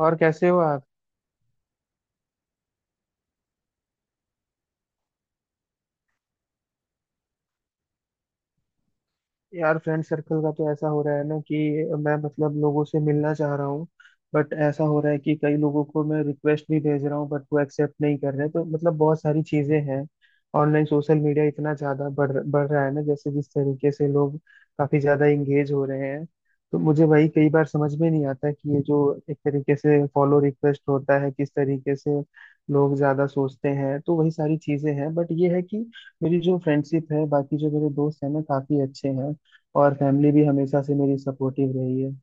और कैसे हो आप। यार फ्रेंड सर्कल का तो ऐसा हो रहा है ना कि मैं मतलब लोगों से मिलना चाह रहा हूँ। बट ऐसा हो रहा है कि कई लोगों को मैं रिक्वेस्ट भी भेज रहा हूँ, बट वो एक्सेप्ट नहीं कर रहे, तो मतलब बहुत सारी चीजें हैं। ऑनलाइन सोशल मीडिया इतना ज्यादा बढ़ बढ़ रहा है ना, जैसे जिस तरीके से लोग काफी ज्यादा इंगेज हो रहे हैं। तो मुझे भाई कई बार समझ में नहीं आता कि ये जो एक तरीके से फॉलो रिक्वेस्ट होता है, किस तरीके से लोग ज्यादा सोचते हैं, तो वही सारी चीजें हैं। बट ये है कि मेरी जो फ्रेंडशिप है, बाकी जो मेरे दोस्त हैं ना काफी अच्छे हैं, और फैमिली भी हमेशा से मेरी सपोर्टिव रही है।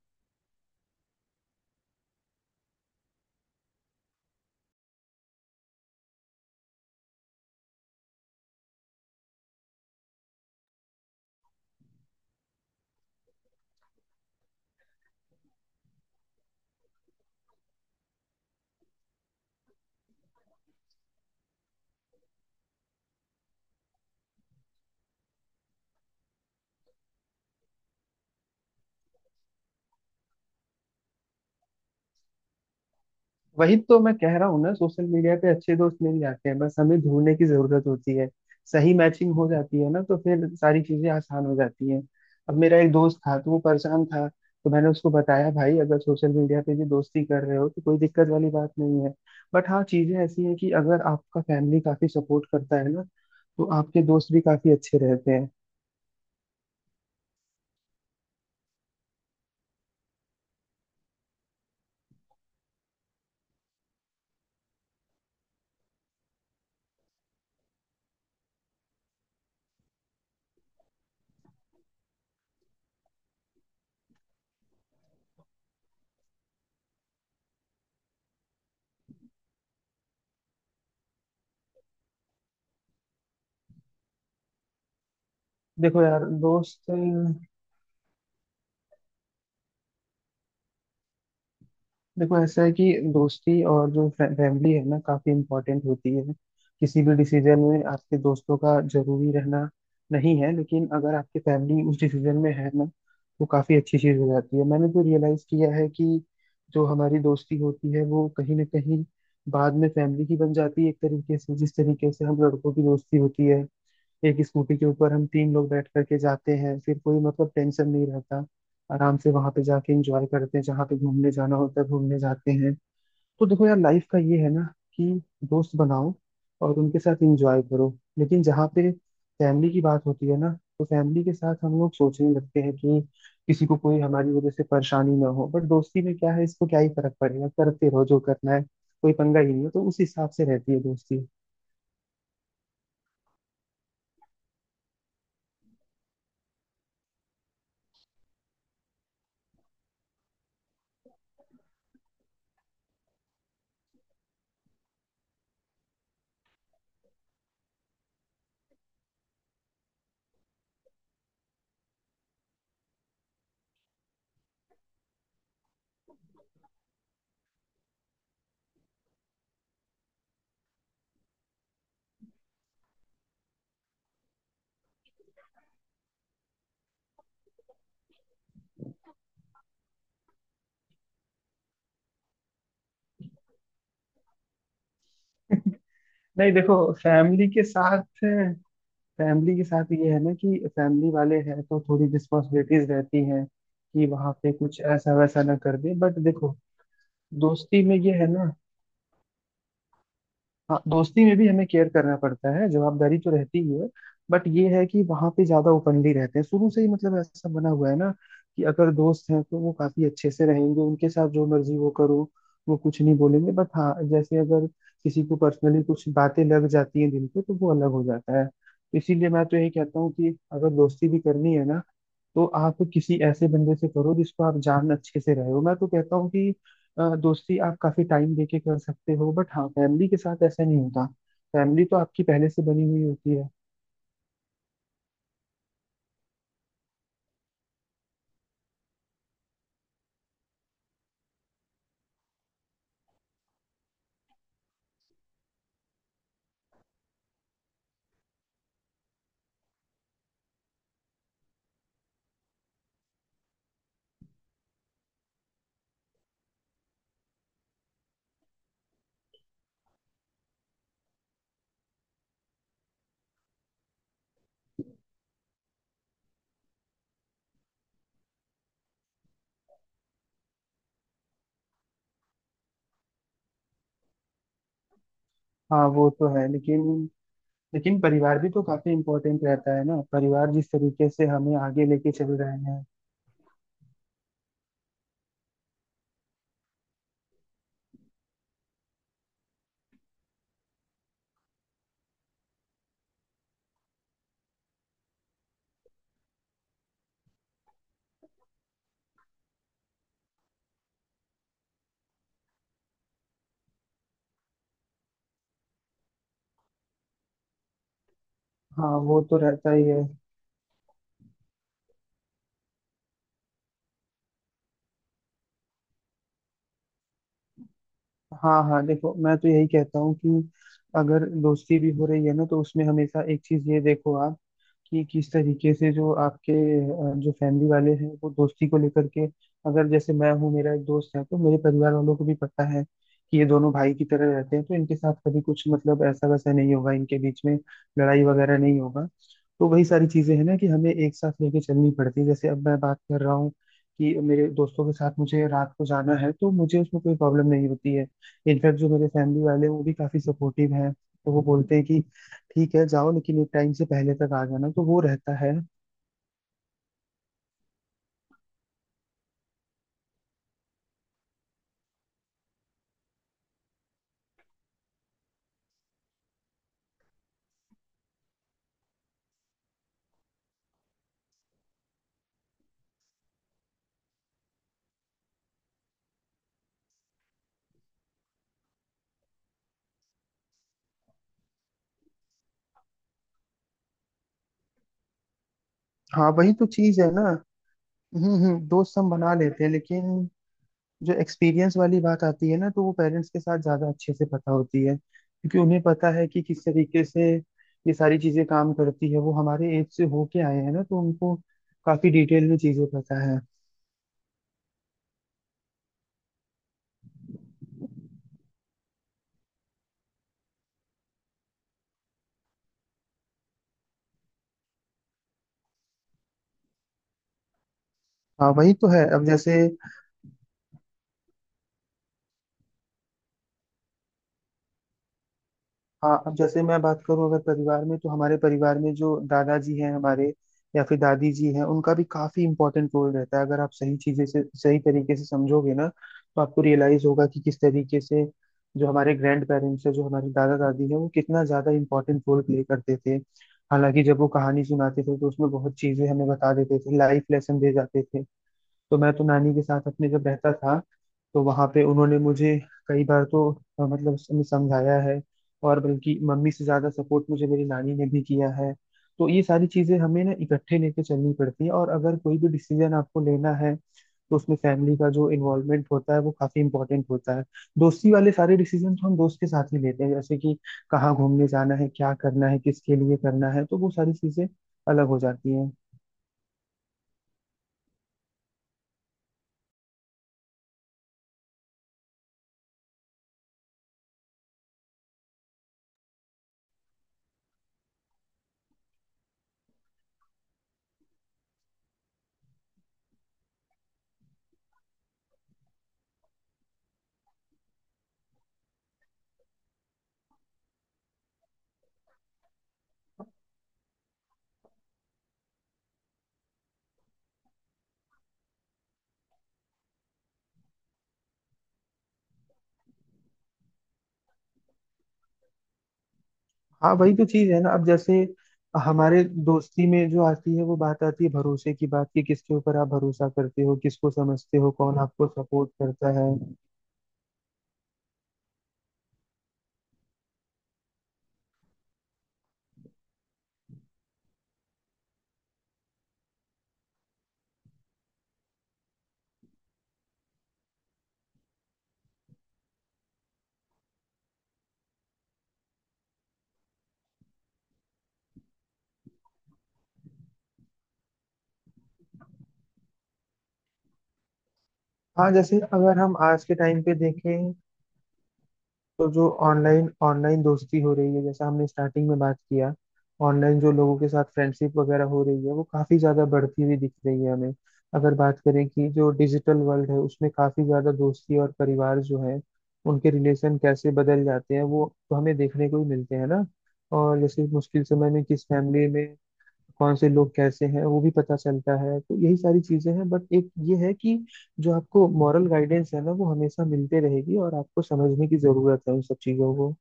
वही तो मैं कह रहा हूँ ना, सोशल मीडिया पे अच्छे दोस्त मिल जाते हैं, बस हमें ढूंढने की जरूरत होती है। सही मैचिंग हो जाती है ना तो फिर सारी चीजें आसान हो जाती हैं। अब मेरा एक दोस्त था तो वो परेशान था, तो मैंने उसको बताया भाई अगर सोशल मीडिया पे भी दोस्ती कर रहे हो तो कोई दिक्कत वाली बात नहीं है। बट हाँ, चीजें ऐसी हैं कि अगर आपका फैमिली काफी सपोर्ट करता है ना तो आपके दोस्त भी काफी अच्छे रहते हैं। देखो यार दोस्त, देखो ऐसा है कि दोस्ती और जो फैमिली है ना काफी इम्पोर्टेंट होती है। किसी भी डिसीजन में आपके दोस्तों का जरूरी रहना नहीं है, लेकिन अगर आपकी फैमिली उस डिसीजन में है ना तो काफी अच्छी चीज हो जाती है। मैंने तो रियलाइज किया है कि जो हमारी दोस्ती होती है वो कहीं ना कहीं बाद में फैमिली की बन जाती है, एक तरीके से। जिस तरीके से हम लड़कों की दोस्ती होती है, एक स्कूटी के ऊपर हम तीन लोग बैठ करके जाते हैं, फिर कोई मतलब टेंशन नहीं रहता, आराम से वहां पे जाके एंजॉय करते हैं, जहाँ पे घूमने जाना होता है घूमने जाते हैं। तो देखो यार लाइफ का ये है ना कि दोस्त बनाओ और उनके साथ एंजॉय करो, लेकिन जहाँ पे फैमिली की बात होती है ना तो फैमिली के साथ हम लोग सोचने लगते हैं कि किसी को कोई हमारी वजह से परेशानी ना हो। बट दोस्ती में क्या है, इसको क्या ही फर्क पड़ेगा, करते रहो जो करना है, कोई पंगा ही नहीं है, तो उस हिसाब से रहती है दोस्ती। नहीं देखो, फैमिली के साथ फैमिली के साथ ये है ना कि फैमिली वाले हैं तो थोड़ी रिस्पॉन्सिबिलिटीज रहती हैं कि वहाँ पे कुछ ऐसा वैसा ना कर दे। बट देखो, दोस्ती में ये है ना, हाँ दोस्ती में भी हमें केयर करना पड़ता है, जवाबदारी तो रहती ही है। बट ये है कि वहां पे ज्यादा ओपनली रहते हैं, शुरू से ही मतलब ऐसा बना हुआ है ना कि अगर दोस्त हैं तो वो काफी अच्छे से रहेंगे, उनके साथ जो मर्जी वो करो, वो कुछ नहीं बोलेंगे। बट हाँ, जैसे अगर किसी को पर्सनली कुछ बातें लग जाती हैं दिल पे तो वो अलग हो जाता है। तो इसीलिए मैं तो यही कहता हूँ कि अगर दोस्ती भी करनी है ना तो आप किसी ऐसे बंदे से करो जिसको आप जान अच्छे से रहे हो। मैं तो कहता हूँ कि दोस्ती आप काफी टाइम देके कर सकते हो। बट हाँ, फैमिली के साथ ऐसा नहीं होता, फैमिली तो आपकी पहले से बनी हुई होती है। हाँ वो तो है, लेकिन लेकिन परिवार भी तो काफी इम्पोर्टेंट रहता है ना, परिवार जिस तरीके से हमें आगे लेके चल रहे हैं। हाँ वो तो रहता ही है। हाँ हाँ, देखो मैं तो यही कहता हूँ कि अगर दोस्ती भी हो रही है ना तो उसमें हमेशा एक चीज ये देखो आप, कि किस तरीके से जो आपके जो फैमिली वाले हैं वो दोस्ती को लेकर के। अगर जैसे मैं हूँ, मेरा एक दोस्त है तो मेरे परिवार वालों को भी पता है कि ये दोनों भाई की तरह रहते हैं, तो इनके साथ कभी कुछ मतलब ऐसा वैसा नहीं होगा, इनके बीच में लड़ाई वगैरह नहीं होगा। तो वही सारी चीजें हैं ना कि हमें एक साथ लेके चलनी पड़ती है। जैसे अब मैं बात कर रहा हूँ कि मेरे दोस्तों के साथ मुझे रात को जाना है, तो मुझे उसमें कोई प्रॉब्लम नहीं होती है, इनफैक्ट जो मेरे फैमिली वाले हैं वो भी काफी सपोर्टिव हैं, तो वो बोलते हैं कि ठीक है जाओ, लेकिन एक टाइम से पहले तक आ जाना, तो वो रहता है। हाँ वही तो चीज है ना। हम्म, दोस्त हम बना लेते हैं लेकिन जो एक्सपीरियंस वाली बात आती है ना, तो वो पेरेंट्स के साथ ज्यादा अच्छे से पता होती है, क्योंकि उन्हें पता है कि किस तरीके से ये सारी चीजें काम करती है। वो हमारे एज से होके आए हैं ना, तो उनको काफी डिटेल में चीजें पता है। हाँ वही तो है। अब जैसे मैं बात करूँ, अगर परिवार में, तो हमारे परिवार में जो दादाजी हैं हमारे, या फिर दादी जी हैं, उनका भी काफी इंपॉर्टेंट रोल रहता है। अगर आप सही चीजें से सही तरीके से समझोगे ना तो आपको रियलाइज होगा कि किस तरीके से जो हमारे ग्रैंड पेरेंट्स हैं, जो हमारे दादा दादी हैं, वो कितना ज्यादा इंपॉर्टेंट रोल प्ले करते थे। हालांकि जब वो कहानी सुनाते थे तो उसमें बहुत चीजें हमें बता देते थे, लाइफ लेसन दे जाते थे। तो मैं तो नानी के साथ अपने जब रहता था, तो वहां पे उन्होंने मुझे कई बार तो मतलब समझाया है। और बल्कि मम्मी से ज्यादा सपोर्ट मुझे मेरी नानी ने भी किया है। तो ये सारी चीजें हमें ना इकट्ठे लेके चलनी पड़ती है, और अगर कोई भी डिसीजन आपको लेना है तो उसमें फैमिली का जो इन्वॉल्वमेंट होता है वो काफी इंपॉर्टेंट होता है। दोस्ती वाले सारे डिसीजन तो हम दोस्त के साथ ही लेते हैं, जैसे कि कहाँ घूमने जाना है, क्या करना है, किसके लिए करना है, तो वो सारी चीजें अलग हो जाती हैं। हाँ वही तो चीज है ना। अब जैसे हमारे दोस्ती में जो आती है वो बात आती है भरोसे की, बात कि किसके ऊपर आप भरोसा करते हो, किसको समझते हो, कौन आपको सपोर्ट करता है। हाँ जैसे अगर हम आज के टाइम पे देखें तो जो ऑनलाइन ऑनलाइन दोस्ती हो रही है, जैसा हमने स्टार्टिंग में बात किया, ऑनलाइन जो लोगों के साथ फ्रेंडशिप वगैरह हो रही है वो काफी ज्यादा बढ़ती हुई दिख रही है हमें। अगर बात करें कि जो डिजिटल वर्ल्ड है, उसमें काफी ज्यादा दोस्ती और परिवार जो है, उनके रिलेशन कैसे बदल जाते हैं, वो तो हमें देखने को ही मिलते हैं ना। और जैसे मुश्किल समय में किस फैमिली में कौन से लोग कैसे हैं वो भी पता चलता है, तो यही सारी चीजें हैं। बट एक ये है कि जो आपको मॉरल गाइडेंस है ना, वो हमेशा मिलते रहेगी, और आपको समझने की जरूरत है उन सब चीजों को।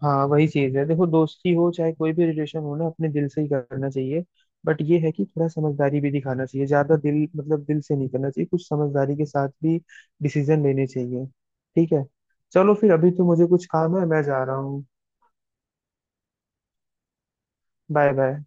हाँ वही चीज है, देखो दोस्ती हो चाहे कोई भी रिलेशन हो ना, अपने दिल से ही करना चाहिए। बट ये है कि थोड़ा समझदारी भी दिखाना चाहिए, ज्यादा दिल मतलब दिल से नहीं करना चाहिए, कुछ समझदारी के साथ भी डिसीजन लेने चाहिए। ठीक है, चलो फिर अभी तो मुझे कुछ काम है, मैं जा रहा हूँ। Bye bye.